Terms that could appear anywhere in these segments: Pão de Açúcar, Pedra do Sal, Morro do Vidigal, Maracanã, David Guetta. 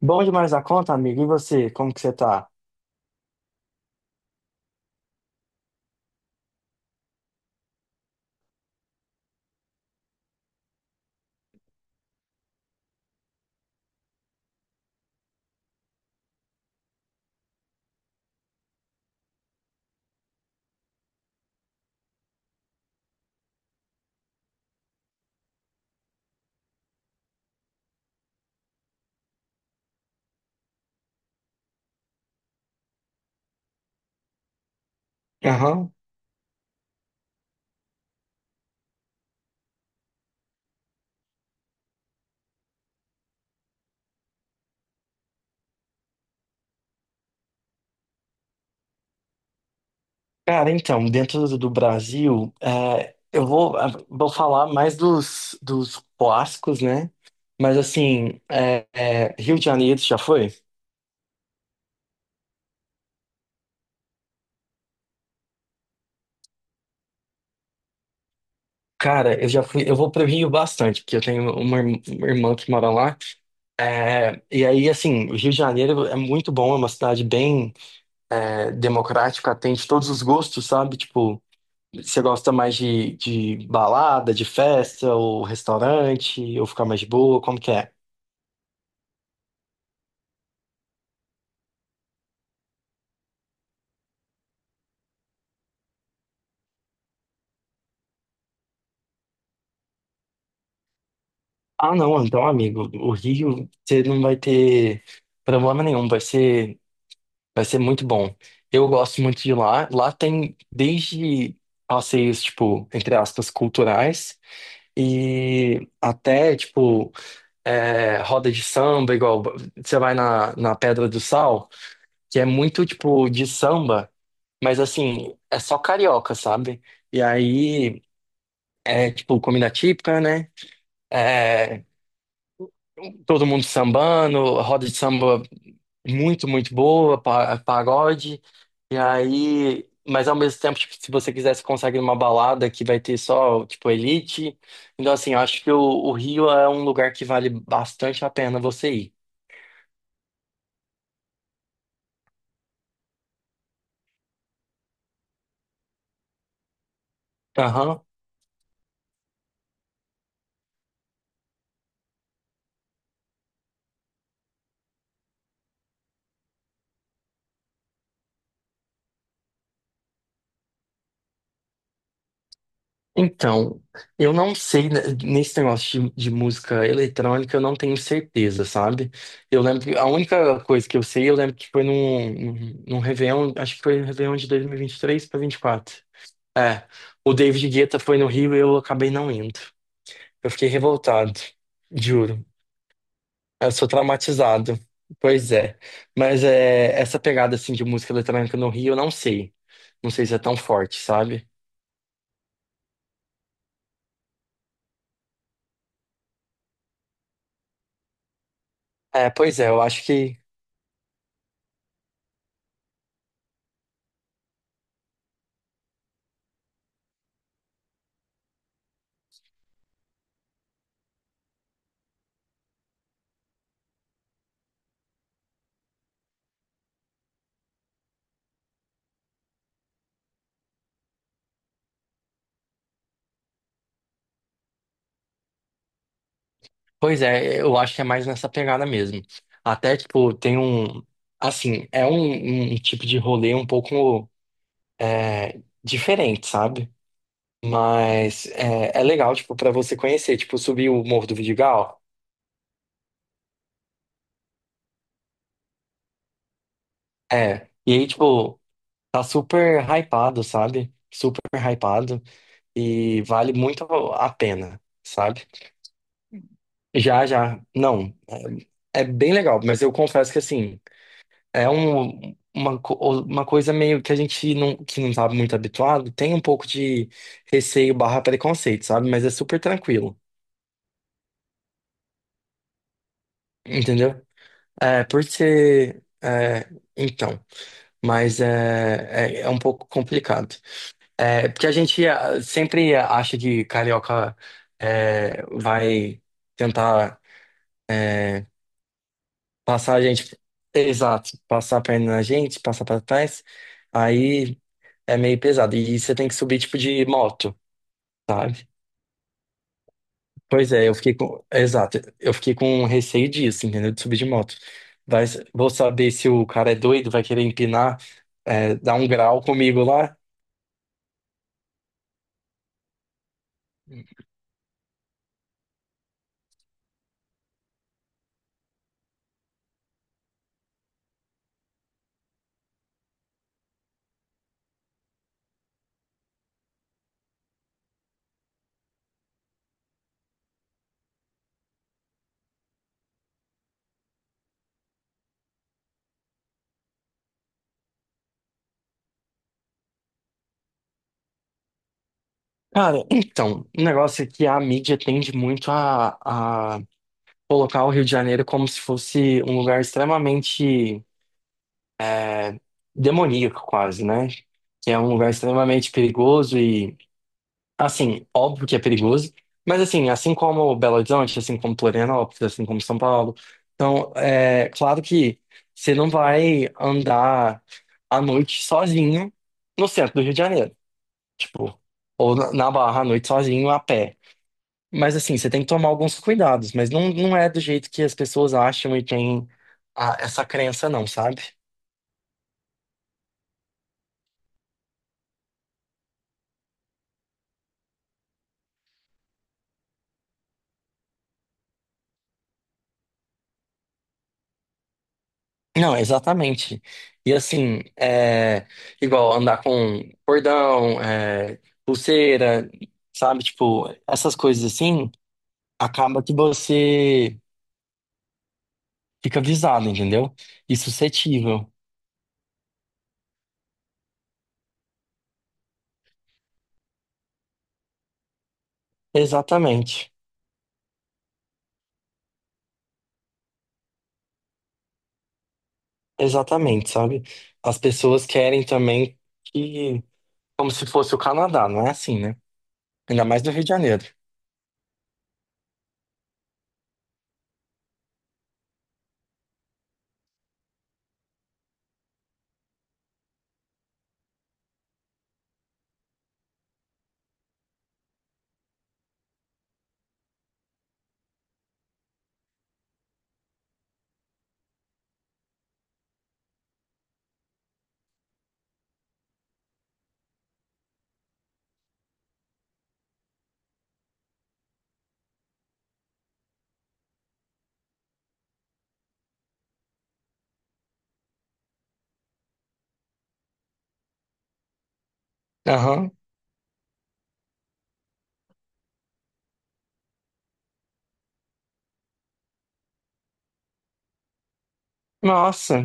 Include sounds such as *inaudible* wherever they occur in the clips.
Bom demais da conta, amigo. E você, como que você tá? Aham. Cara, então, dentro do Brasil, eu vou, vou falar mais dos clássicos, né? Mas assim, Rio de Janeiro, você já foi? Cara, eu já fui, eu vou pro Rio bastante, porque eu tenho uma irmã que mora lá. É, e aí, assim, o Rio de Janeiro é muito bom, é uma cidade bem, democrática, atende todos os gostos, sabe? Tipo, você gosta mais de balada, de festa, ou restaurante, ou ficar mais de boa? Como que é? Ah, não, então, amigo, o Rio, você não vai ter problema nenhum, vai ser muito bom. Eu gosto muito de lá. Lá tem desde passeios, tipo, entre aspas, culturais, e até, tipo, roda de samba, igual você vai na Pedra do Sal, que é muito, tipo, de samba. Mas assim, é só carioca, sabe? E aí é tipo comida típica, né? É, todo mundo sambando, roda de samba muito, muito boa, pagode. E aí, mas ao mesmo tempo, tipo, se você quiser, você consegue uma balada que vai ter só, tipo, elite. Então, assim, eu acho que o Rio é um lugar que vale bastante a pena você ir. Aham. Então, eu não sei, né, nesse negócio de música eletrônica, eu não tenho certeza, sabe? Eu lembro que a única coisa que eu sei, eu lembro que foi num Réveillon, acho que foi no Réveillon de dois mil e vinte e três para 24. É, o David Guetta foi no Rio e eu acabei não indo. Eu fiquei revoltado, juro. Eu sou traumatizado. Pois é. Mas é, essa pegada assim de música eletrônica no Rio, eu não sei. Não sei se é tão forte, sabe? É, pois é, eu acho que. Pois é, eu acho que é mais nessa pegada mesmo. Até, tipo, tem um. Assim, é um, um tipo de rolê um pouco diferente, sabe? Mas é legal, tipo, pra você conhecer. Tipo, subir o Morro do Vidigal. É. E aí, tipo, tá super hypado, sabe? Super hypado. E vale muito a pena, sabe? Já, já. Não, é bem legal, mas eu confesso que assim. É um, uma, uma coisa meio que a gente não, que não tá muito habituado, tem um pouco de receio barra preconceito, sabe? Mas é super tranquilo, entendeu? É, por ser... então, mas é um pouco complicado. É, porque a gente sempre acha que carioca vai tentar é, passar a gente... Exato, passar a perna na gente, passar pra trás. Aí... É meio pesado. E você tem que subir tipo de moto, sabe? Pois é, eu fiquei com. Exato. Eu fiquei com receio disso, entendeu? De subir de moto. Vai... Vou saber se o cara é doido, vai querer empinar, dar um grau comigo lá. Cara, *clears throat* então, o negócio é que a mídia tende muito a colocar o Rio de Janeiro como se fosse um lugar extremamente é, demoníaco, quase, né? Que é um lugar extremamente perigoso e assim, óbvio que é perigoso, mas assim, assim como Belo Horizonte, assim como Florianópolis, assim como São Paulo, então é claro que você não vai andar à noite sozinho no centro do Rio de Janeiro, tipo, ou na Barra à noite sozinho a pé. Mas assim, você tem que tomar alguns cuidados, mas não, não é do jeito que as pessoas acham e tem essa crença não, sabe? Não, exatamente. E assim, é igual andar com cordão, pulseira, sabe? Tipo, essas coisas assim, acaba que você fica visado, entendeu? E suscetível. Exatamente. Exatamente, sabe? As pessoas querem também que, como se fosse o Canadá, não é assim, né? Ainda mais no Rio de Janeiro. Aham. Nossa.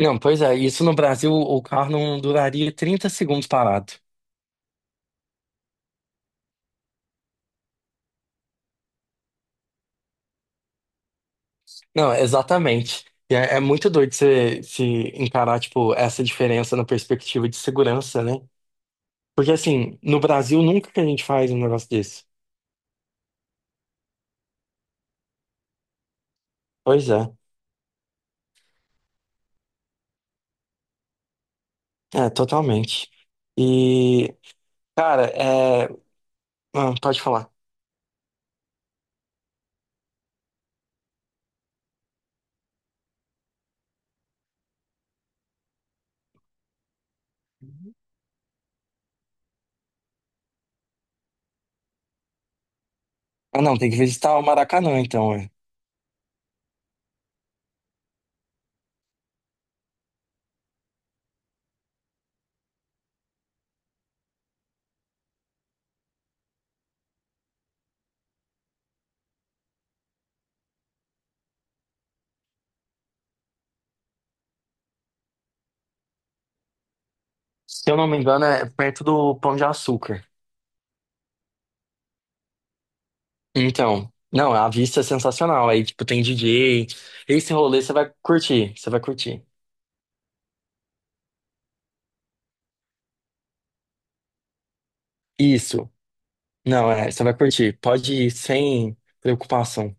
Não, pois é, isso no Brasil o carro não duraria 30 segundos parado. Não, exatamente. E é, é muito doido você se encarar, tipo, essa diferença na perspectiva de segurança, né? Porque, assim, no Brasil nunca que a gente faz um negócio desse. Pois é, é, totalmente. E, cara, é... ah, pode falar. Ah, não, tem que visitar o Maracanã, então. É. Se eu não me engano, é perto do Pão de Açúcar. Então, não, a vista é sensacional. Aí, tipo, tem DJ. Esse rolê você vai curtir, você vai curtir. Isso. Não, é, você vai curtir. Pode ir sem preocupação.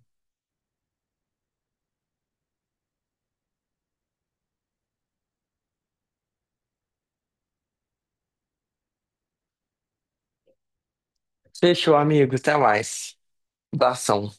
Fechou, amigo. Até mais. Abração.